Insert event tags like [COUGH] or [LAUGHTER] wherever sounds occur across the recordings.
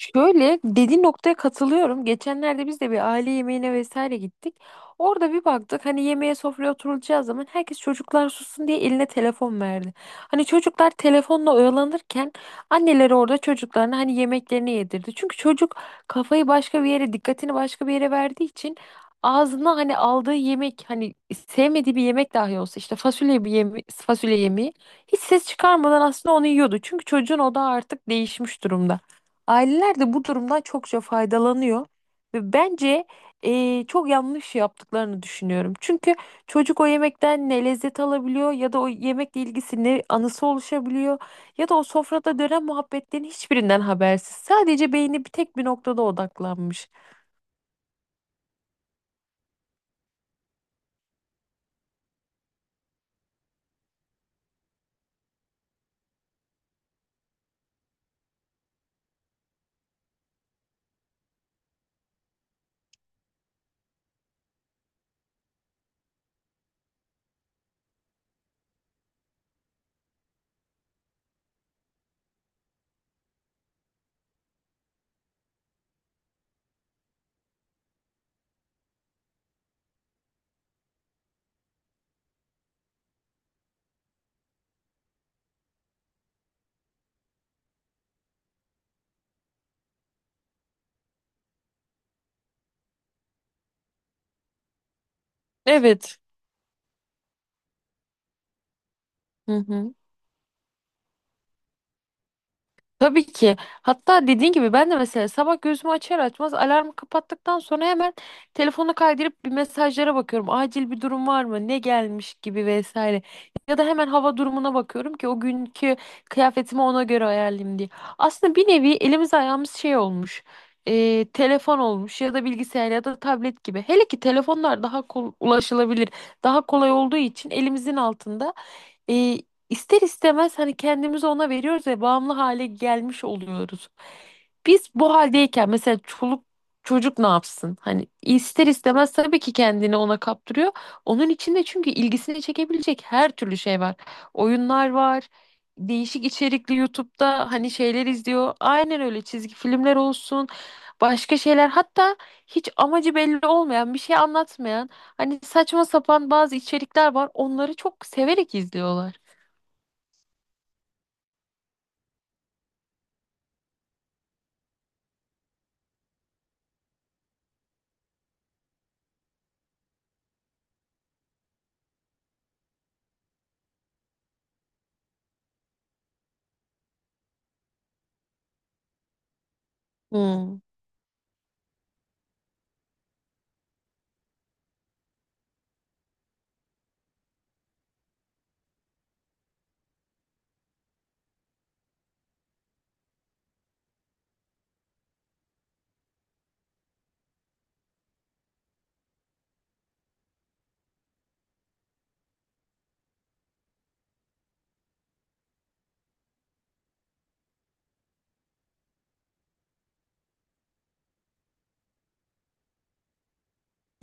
Şöyle dediğin noktaya katılıyorum. Geçenlerde biz de bir aile yemeğine vesaire gittik. Orada bir baktık hani yemeğe sofraya oturulacağı zaman herkes çocuklar sussun diye eline telefon verdi. Hani çocuklar telefonla oyalanırken anneleri orada çocuklarına hani yemeklerini yedirdi. Çünkü çocuk kafayı başka bir yere, dikkatini başka bir yere verdiği için ağzına hani aldığı yemek hani sevmediği bir yemek dahi olsa işte fasulye bir yeme fasulye yemeği hiç ses çıkarmadan aslında onu yiyordu. Çünkü çocuğun odağı artık değişmiş durumda. Aileler de bu durumdan çokça faydalanıyor ve bence çok yanlış yaptıklarını düşünüyorum. Çünkü çocuk o yemekten ne lezzet alabiliyor ya da o yemekle ilgisi ne anısı oluşabiliyor ya da o sofrada dönen muhabbetlerin hiçbirinden habersiz. Sadece beyni bir tek bir noktada odaklanmış. Evet. Hı hı. Tabii ki. Hatta dediğin gibi ben de mesela sabah gözümü açar açmaz alarmı kapattıktan sonra hemen telefonu kaydırıp bir mesajlara bakıyorum. Acil bir durum var mı? Ne gelmiş gibi vesaire. Ya da hemen hava durumuna bakıyorum ki o günkü kıyafetimi ona göre ayarlayayım diye. Aslında bir nevi elimiz ayağımız şey olmuş. Telefon olmuş ya da bilgisayar ya da tablet gibi. Hele ki telefonlar daha ulaşılabilir, daha kolay olduğu için elimizin altında. e, İster istemez hani kendimizi ona veriyoruz ve bağımlı hale gelmiş oluyoruz. Biz bu haldeyken mesela çoluk çocuk ne yapsın? Hani ister istemez tabii ki kendini ona kaptırıyor. Onun içinde çünkü ilgisini çekebilecek her türlü şey var. Oyunlar var. Değişik içerikli YouTube'da hani şeyler izliyor. Aynen öyle çizgi filmler olsun. Başka şeyler hatta hiç amacı belli olmayan bir şey anlatmayan hani saçma sapan bazı içerikler var. Onları çok severek izliyorlar. Hmm.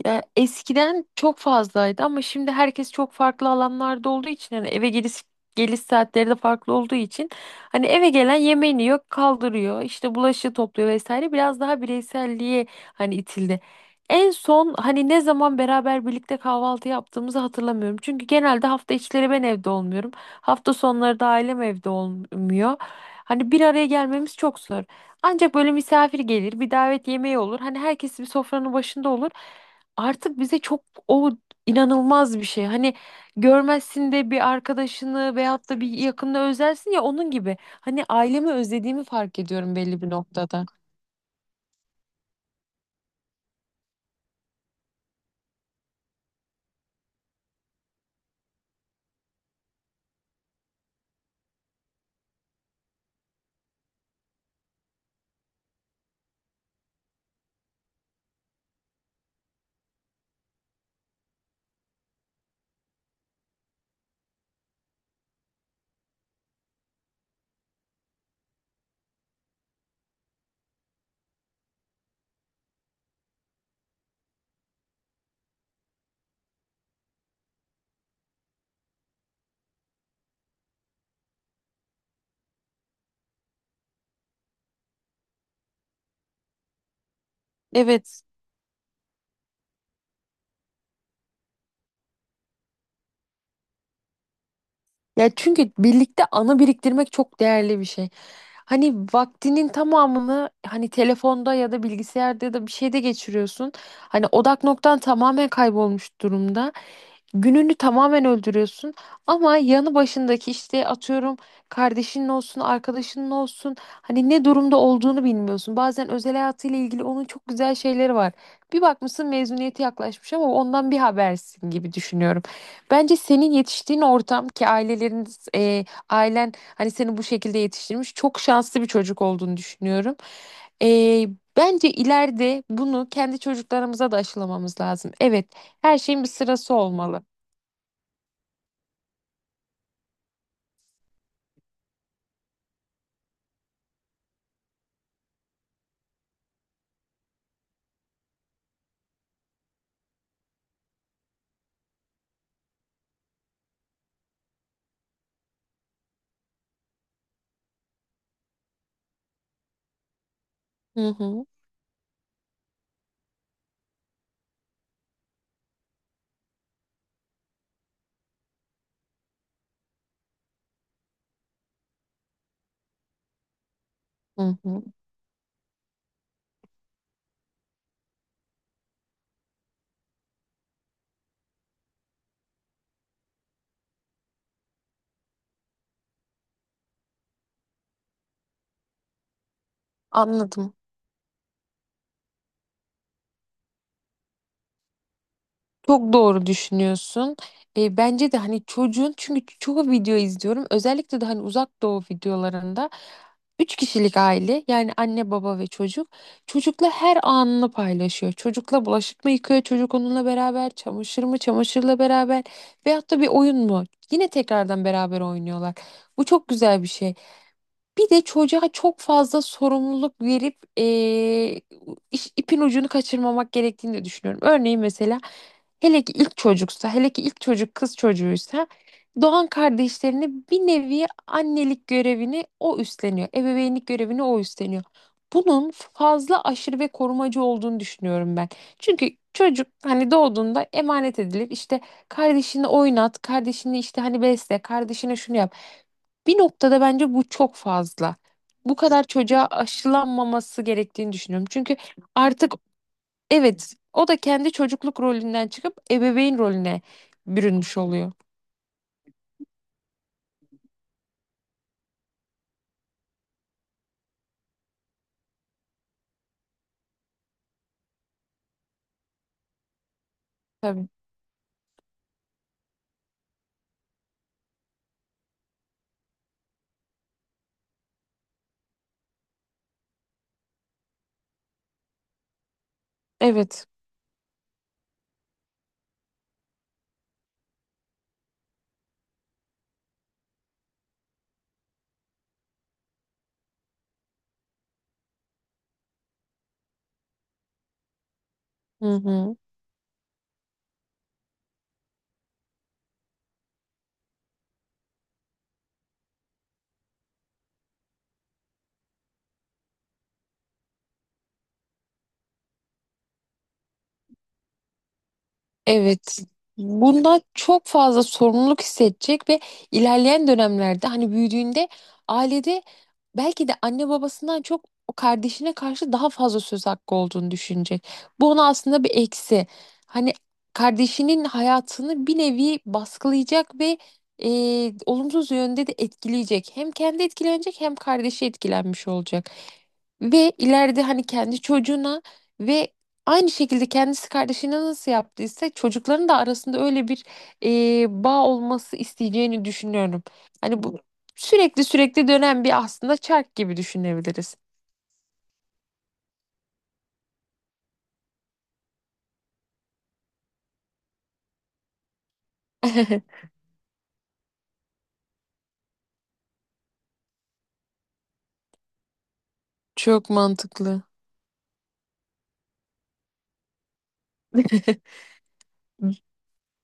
Ya eskiden çok fazlaydı ama şimdi herkes çok farklı alanlarda olduğu için hani eve geliş saatleri de farklı olduğu için hani eve gelen yemeğini yiyor, kaldırıyor, işte bulaşığı topluyor vesaire biraz daha bireyselliğe hani itildi. En son hani ne zaman beraber birlikte kahvaltı yaptığımızı hatırlamıyorum. Çünkü genelde hafta içleri ben evde olmuyorum. Hafta sonları da ailem evde olmuyor. Hani bir araya gelmemiz çok zor. Ancak böyle misafir gelir, bir davet yemeği olur. Hani herkes bir sofranın başında olur artık bize çok o inanılmaz bir şey. Hani görmezsin de bir arkadaşını veyahut da bir yakınını özlersin ya onun gibi. Hani ailemi özlediğimi fark ediyorum belli bir noktada. Evet. Ya çünkü birlikte anı biriktirmek çok değerli bir şey. Hani vaktinin tamamını hani telefonda ya da bilgisayarda ya da bir şeyde geçiriyorsun. Hani odak noktan tamamen kaybolmuş durumda. Gününü tamamen öldürüyorsun. Ama yanı başındaki işte atıyorum kardeşinin olsun, arkadaşının olsun. Hani ne durumda olduğunu bilmiyorsun. Bazen özel hayatıyla ilgili onun çok güzel şeyleri var. Bir bakmışsın mezuniyeti yaklaşmış ama ondan bir habersin gibi düşünüyorum. Bence senin yetiştiğin ortam ki aileleriniz, ailen hani seni bu şekilde yetiştirmiş çok şanslı bir çocuk olduğunu düşünüyorum. E, Bence ileride bunu kendi çocuklarımıza da aşılamamız lazım. Evet, her şeyin bir sırası olmalı. Hı hı, hı hı. Anladım. Çok doğru düşünüyorsun. Bence de hani çocuğun çünkü çoğu video izliyorum. Özellikle de hani uzak doğu videolarında üç kişilik aile yani anne baba ve çocuk çocukla her anını paylaşıyor. Çocukla bulaşık mı yıkıyor, çocuk onunla beraber, çamaşır mı, çamaşırla beraber veyahut da bir oyun mu? Yine tekrardan beraber oynuyorlar. Bu çok güzel bir şey. Bir de çocuğa çok fazla sorumluluk verip ipin ucunu kaçırmamak gerektiğini de düşünüyorum. Örneğin mesela hele ki ilk çocuksa, hele ki ilk çocuk kız çocuğuysa doğan kardeşlerine bir nevi annelik görevini o üstleniyor. Ebeveynlik görevini o üstleniyor. Bunun fazla aşırı ve korumacı olduğunu düşünüyorum ben. Çünkü çocuk hani doğduğunda emanet edilip işte kardeşini oynat, kardeşini işte hani besle, kardeşine şunu yap. Bir noktada bence bu çok fazla. Bu kadar çocuğa aşılanmaması gerektiğini düşünüyorum. Çünkü artık evet o da kendi çocukluk rolünden çıkıp ebeveyn rolüne bürünmüş oluyor. Tabii. Evet. Hı hı. Evet. Bundan çok fazla sorumluluk hissedecek ve ilerleyen dönemlerde hani büyüdüğünde ailede belki de anne babasından çok o kardeşine karşı daha fazla söz hakkı olduğunu düşünecek. Bu ona aslında bir eksi. Hani kardeşinin hayatını bir nevi baskılayacak ve e, olumsuz yönde de etkileyecek. Hem kendi etkilenecek hem kardeşi etkilenmiş olacak. Ve ileride hani kendi çocuğuna ve aynı şekilde kendisi kardeşine nasıl yaptıysa çocukların da arasında öyle bir bağ olması isteyeceğini düşünüyorum. Hani bu sürekli sürekli dönen bir aslında çark gibi düşünebiliriz. [LAUGHS] Çok mantıklı.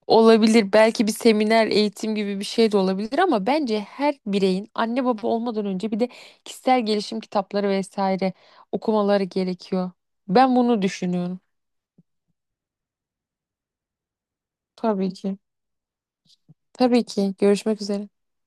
Olabilir. Belki bir seminer, eğitim gibi bir şey de olabilir ama bence her bireyin anne baba olmadan önce bir de kişisel gelişim kitapları vesaire okumaları gerekiyor. Ben bunu düşünüyorum. Tabii ki. Tabii ki. Görüşmek üzere.